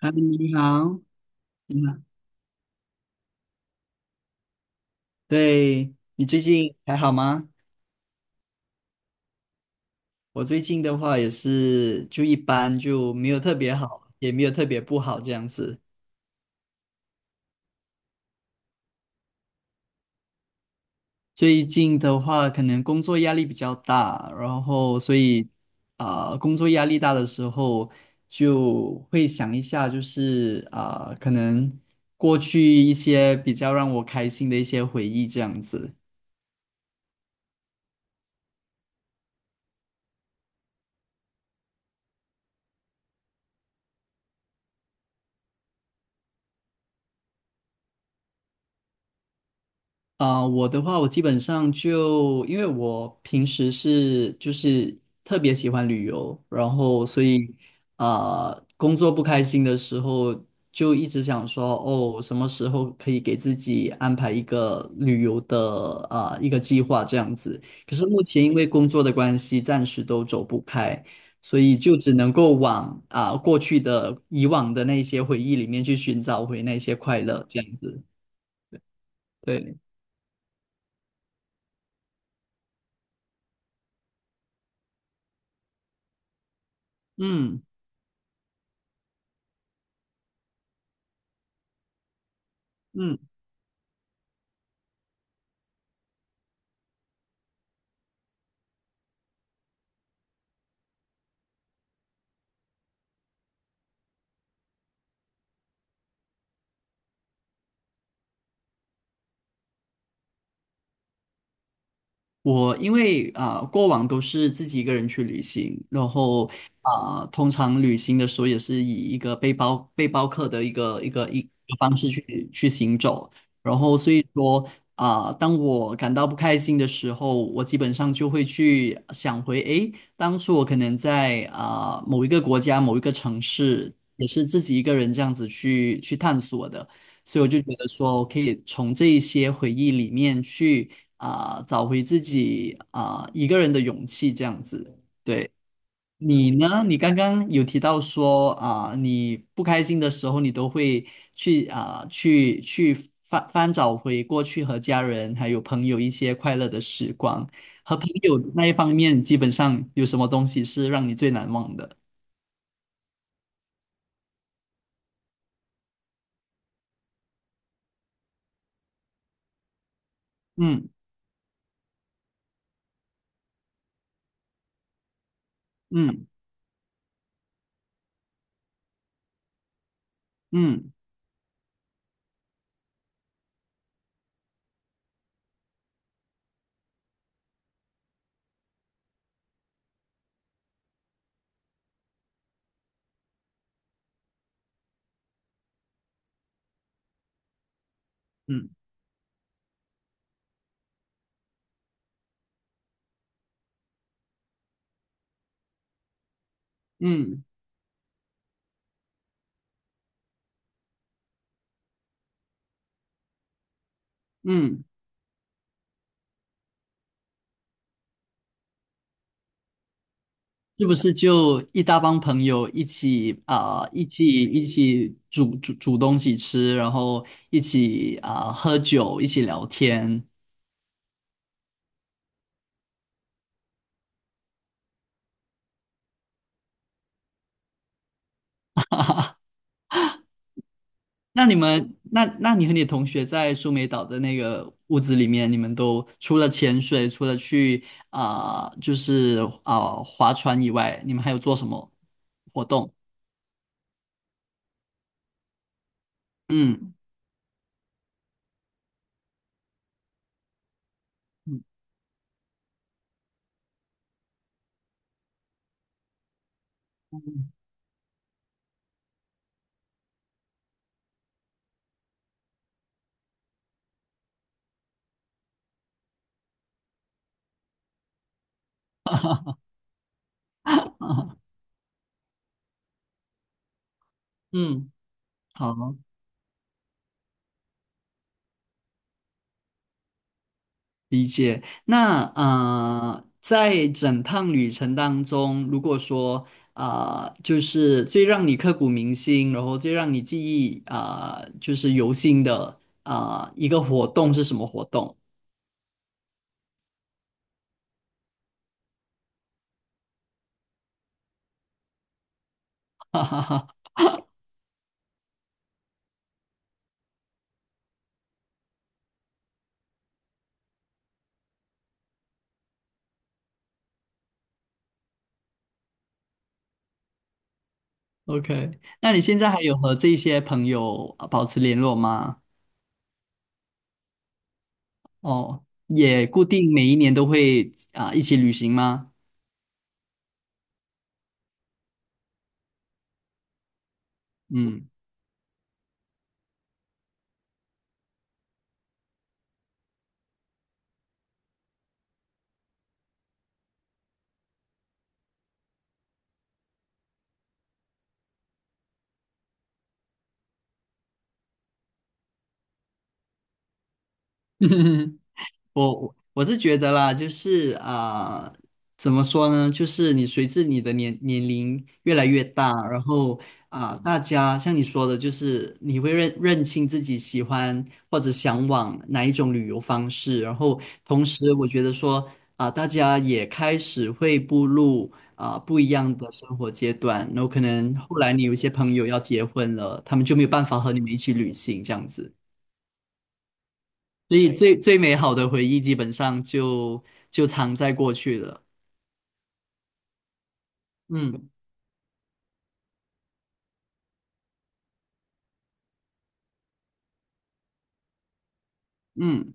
哈嗨，你好，你好。对，你最近还好吗？我最近的话也是就一般，就没有特别好，也没有特别不好这样子。最近的话，可能工作压力比较大，然后所以工作压力大的时候，就会想一下，就是可能过去一些比较让我开心的一些回忆这样子。我的话，我基本上就因为我平时是就是特别喜欢旅游，然后所以工作不开心的时候，就一直想说，哦，什么时候可以给自己安排一个旅游的一个计划这样子。可是目前因为工作的关系，暂时都走不开，所以就只能够往过去的以往的那些回忆里面去寻找回那些快乐这样子。对，嗯嗯。我因为过往都是自己一个人去旅行，然后通常旅行的时候也是以一个背包客的一个方式去行走，然后所以说当我感到不开心的时候，我基本上就会去想回，诶，当初我可能在某一个国家某一个城市，也是自己一个人这样子去探索的。所以我就觉得说，可以从这一些回忆里面去找回自己一个人的勇气这样子。对。你呢？你刚刚有提到说你不开心的时候，你都会去翻翻找回过去和家人还有朋友一些快乐的时光。和朋友那一方面，基本上有什么东西是让你最难忘的？嗯嗯嗯嗯嗯嗯。是不是就一大帮朋友一起一起煮东西吃，然后一起喝酒，一起聊天？那你和你同学在苏梅岛的那个屋子里面，你们都除了潜水，除了去啊、就是划船以外，你们还有做什么活动？嗯嗯嗯，好。理解。那在整趟旅程当中，如果说就是最让你刻骨铭心，然后最让你记忆就是犹新的一个活动是什么活动？OK，那你现在还有和这些朋友保持联络吗？哦，也固定每一年都会一起旅行吗？嗯。我是觉得啦，就是怎么说呢？就是你随着你的年龄越来越大，然后大家像你说的，就是你会认清自己喜欢或者向往哪一种旅游方式，然后同时我觉得说大家也开始会步入不一样的生活阶段，然后可能后来你有一些朋友要结婚了，他们就没有办法和你们一起旅行这样子。所以最最美好的回忆基本上就藏在过去了。嗯嗯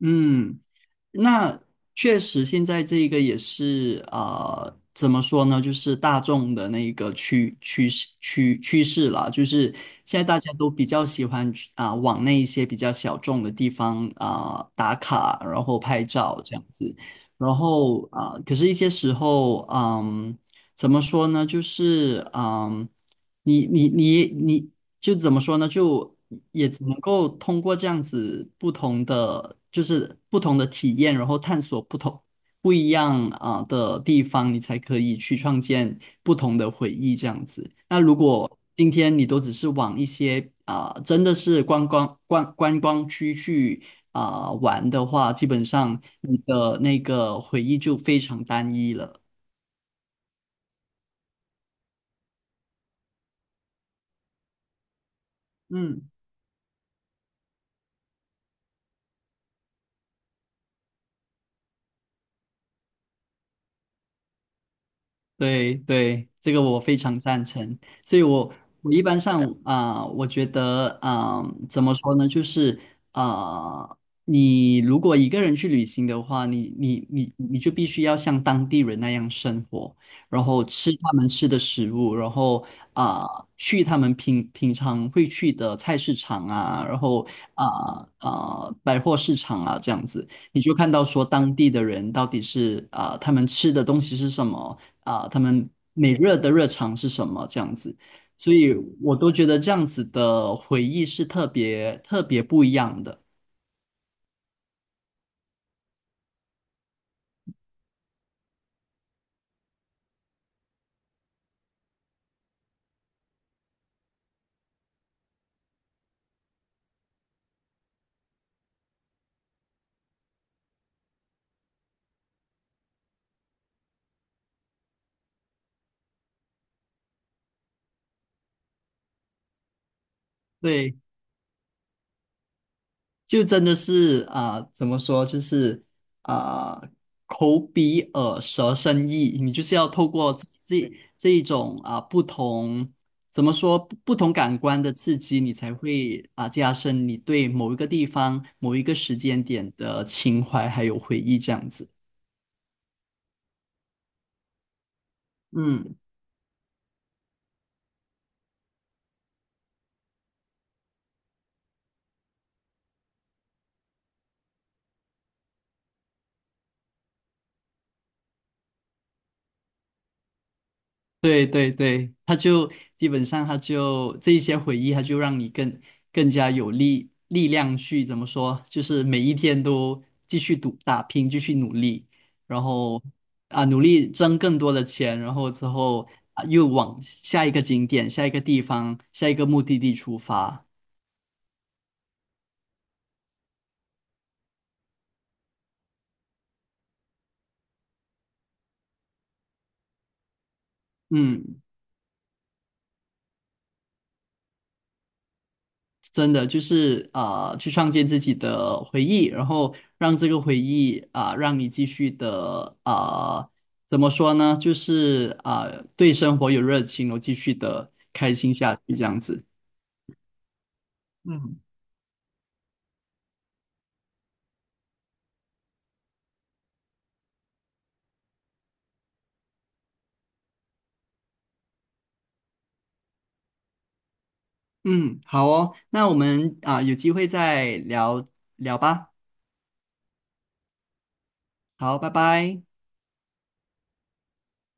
嗯，那确实，现在这个也是怎么说呢？就是大众的那个趋趋势啦，就是现在大家都比较喜欢去往那一些比较小众的地方打卡，然后拍照这样子。然后可是一些时候，嗯，怎么说呢？就是，嗯，你就怎么说呢？就也只能够通过这样子不同的，就是不同的体验，然后探索不同不一样的地方，你才可以去创建不同的回忆这样子。那如果今天你都只是往一些真的是观光区去玩的话，基本上你的那个回忆就非常单一了。嗯。对对，这个我非常赞成。所以我一般上我觉得怎么说呢？就是啊、你如果一个人去旅行的话，你就必须要像当地人那样生活，然后吃他们吃的食物，然后啊、去他们平常会去的菜市场啊，然后啊百货市场啊这样子，你就看到说当地的人到底是他们吃的东西是什么。啊，他们每日的日常是什么这样子，所以我都觉得这样子的回忆是特别特别不一样的。对，就真的是怎么说，就是啊、口鼻耳舌身意，你就是要透过这一种不同。怎么说不同感官的刺激，你才会加深你对某一个地方、某一个时间点的情怀还有回忆这样子。嗯。对对对，基本上他就这一些回忆，他就让你更加有力量去，怎么说，就是每一天都继续打拼，继续努力，然后努力挣更多的钱，然后之后啊又往下一个景点、下一个地方、下一个目的地出发。嗯，真的就是去创建自己的回忆，然后让这个回忆让你继续的怎么说呢？就是对生活有热情，然后继续的开心下去，这样子。嗯嗯，好哦，那我们有机会再聊聊吧。好，拜拜。